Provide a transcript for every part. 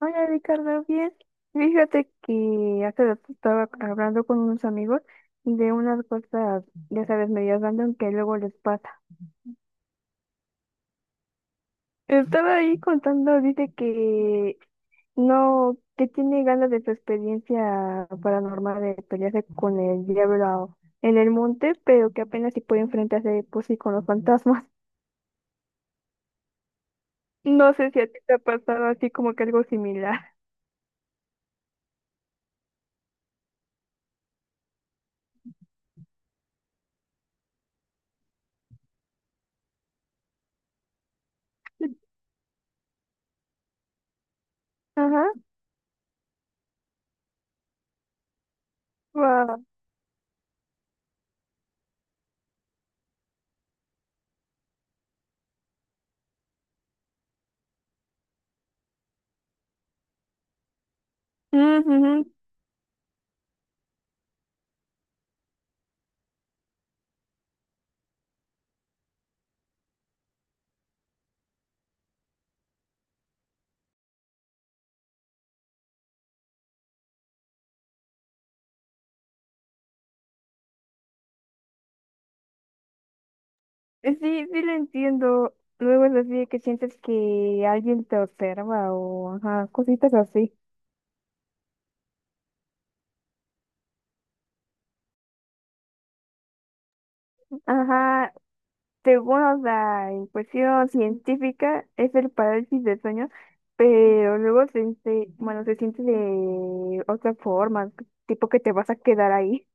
Hola Ricardo, bien. Fíjate que hace rato estaba hablando con unos amigos de unas cosas, ya sabes, medias random que luego les pasa. Estaba ahí contando, dice que no, que tiene ganas de su experiencia paranormal de pelearse con el diablo en el monte, pero que apenas si puede enfrentarse pues sí con los fantasmas. No sé si a ti te ha pasado así como que algo similar. Ajá. Wow. Sí, sí lo entiendo. Luego es así de que sientes que alguien te observa o ajá, cositas así. Ajá, según o sea, en cuestión científica es el parálisis de sueño, pero luego bueno, se siente de otra forma, tipo que te vas a quedar ahí.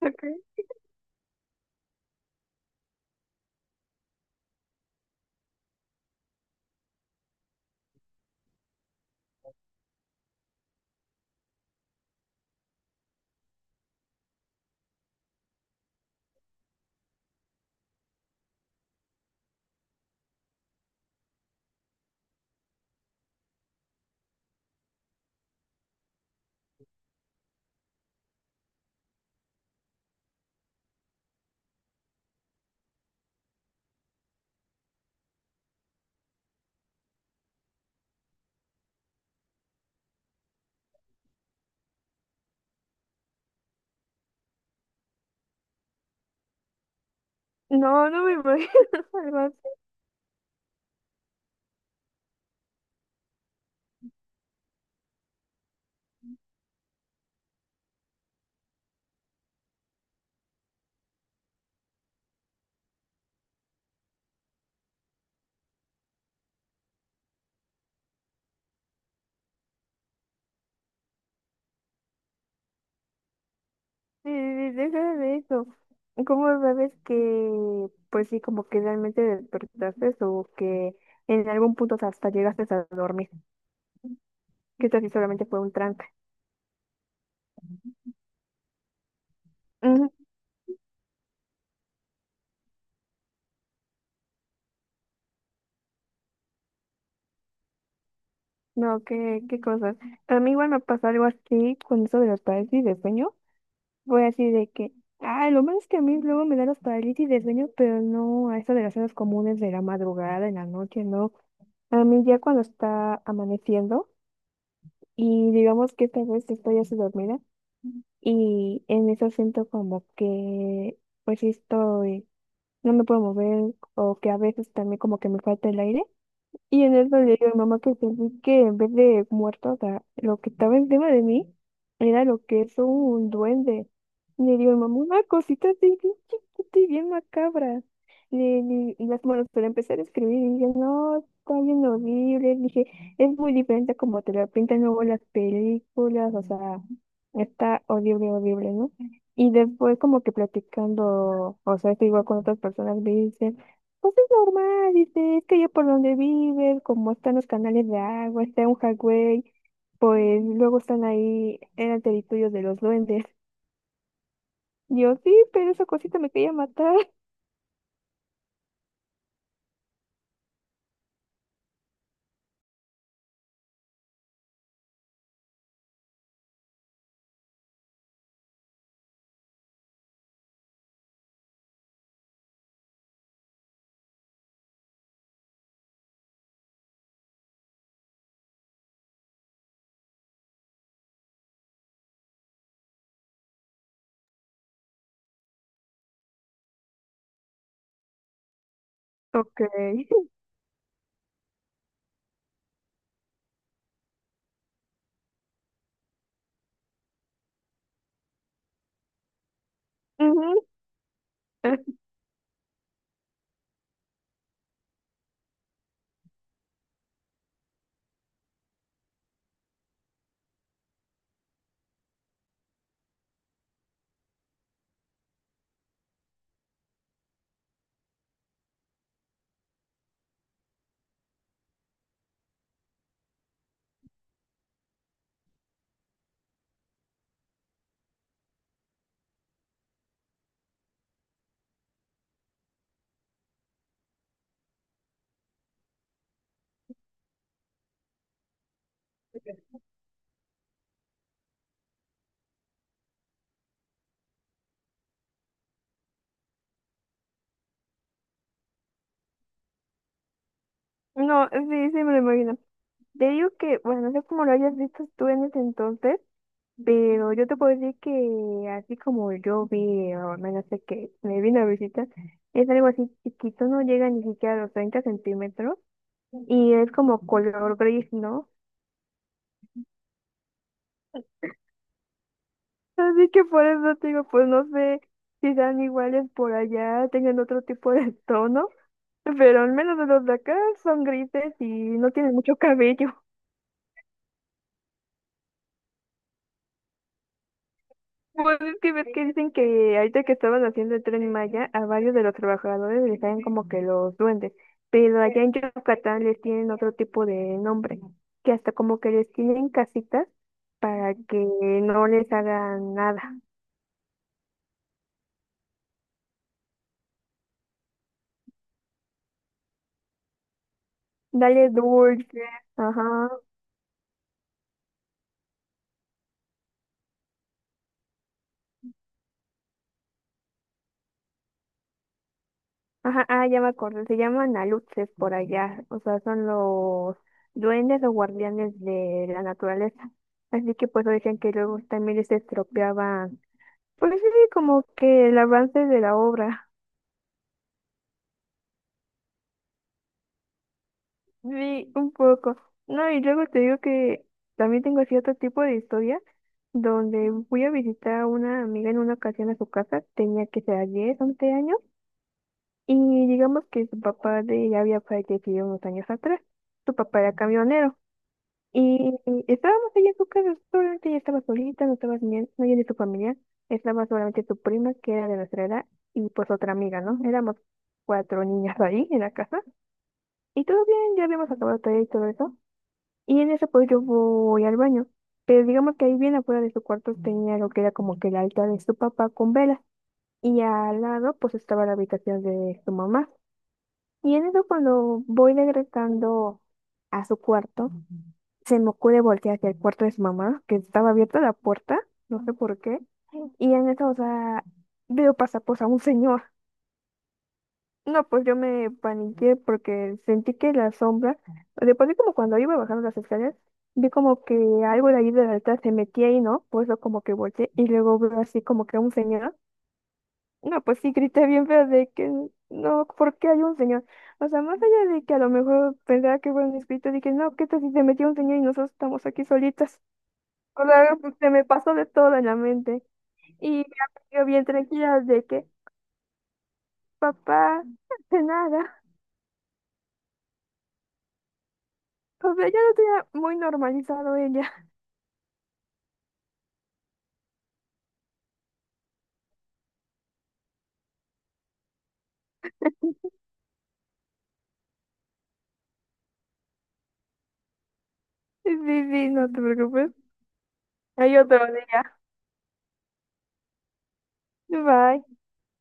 Ok. No, no me imagino algo. Sí, sí, sí, deja de eso. ¿Cómo sabes que, pues sí, como que realmente despertaste o que en algún punto hasta llegaste a dormir? Que esto sí solamente fue un trance. Ujú. No, qué cosas. A mí igual me pasó algo así con eso de las parálisis de sueño. Fue así de que, ah, lo malo es que a mí luego me dan las parálisis de sueño, pero no a eso de las horas comunes de la madrugada, en la noche, no. A mí ya cuando está amaneciendo y digamos que esta vez estoy así dormida. Y en eso siento como que, pues sí estoy, no me puedo mover o que a veces también como que me falta el aire. Y en eso le digo a mi mamá que sentí que en vez de muerto, o sea, lo que estaba encima de mí era lo que es un duende. Y le digo a mi mamá, una cosita así bien chiquita y bien macabra. Y las manos para empezar a escribir y dije, no, está bien horrible. Dije, es muy diferente a como te lo pintan luego las películas, o sea, está horrible, horrible, ¿no? Y después como que platicando, o sea, esto igual con otras personas, me dicen, pues es normal, dice, es que yo por donde vives, como están los canales de agua, está un jagüey, pues luego están ahí, eran territorios de los duendes. Yo sí, pero esa cosita me quería matar. Ok. Ujú. No, sí, sí me lo imagino. Te digo que, bueno, no sé cómo lo hayas visto tú en ese entonces, pero yo te puedo decir que así como yo vi, o al menos sé que me vino a visitar, es algo así chiquito, no llega ni siquiera a los 30 centímetros. Y es como color gris, ¿no? Así que por eso te digo, pues no sé si sean iguales por allá, tengan otro tipo de tono, pero al menos los de acá son grises y no tienen mucho cabello. Pues es que ves que dicen que ahorita que estaban haciendo el Tren Maya, a varios de los trabajadores les salen como que los duendes, pero allá en Yucatán les tienen otro tipo de nombre, que hasta como que les tienen casitas para que no les hagan nada. Dale dulce, ajá. Ajá, ah, ya me acordé, se llaman aluxes por allá, o sea, son los duendes o guardianes de la naturaleza. Así que pues decían que luego también se estropeaban. Pues sí, como que el avance de la obra, sí, un poco. No, y luego te digo que también tengo cierto tipo de historia donde fui a visitar a una amiga en una ocasión a su casa, tenía que ser 10 u 11 años, y digamos que su papá de ella había fallecido unos años atrás, su papá era camionero. Y estábamos ahí en su casa, solamente ella estaba solita, no estaba nadie de su familia, estaba solamente su prima, que era de nuestra edad, y pues otra amiga, ¿no? Éramos cuatro niñas ahí en la casa, y todo bien, ya habíamos acabado tarea y todo eso, y en eso pues yo voy al baño, pero digamos que ahí bien afuera de su cuarto tenía lo que era como que el altar de su papá con velas, y al lado pues estaba la habitación de su mamá. Y en eso cuando voy regresando a su cuarto, se me ocurre voltear hacia el cuarto de su mamá, que estaba abierta la puerta, no sé por qué. Y en eso, o sea, veo pasar pues a un señor. No, pues yo me paniqué porque sentí que la sombra, después de como cuando iba bajando las escaleras, vi como que algo de ahí de la alta se metía ahí, ¿no? Pues yo como que volteé y luego veo así como que a un señor. No, pues sí, grité bien feo de que no, ¿por qué hay un señor? O sea, más allá de que a lo mejor pensaba que fueron mis gritos, dije, no, ¿qué tal si se metió un señor y nosotros estamos aquí solitas? O sea, pues, se me pasó de todo en la mente. Y yo bien tranquila de que, papá, de nada. O sea, ya lo tenía muy normalizado ella. Sí, sí, no te preocupes. Hay otro día. Bye.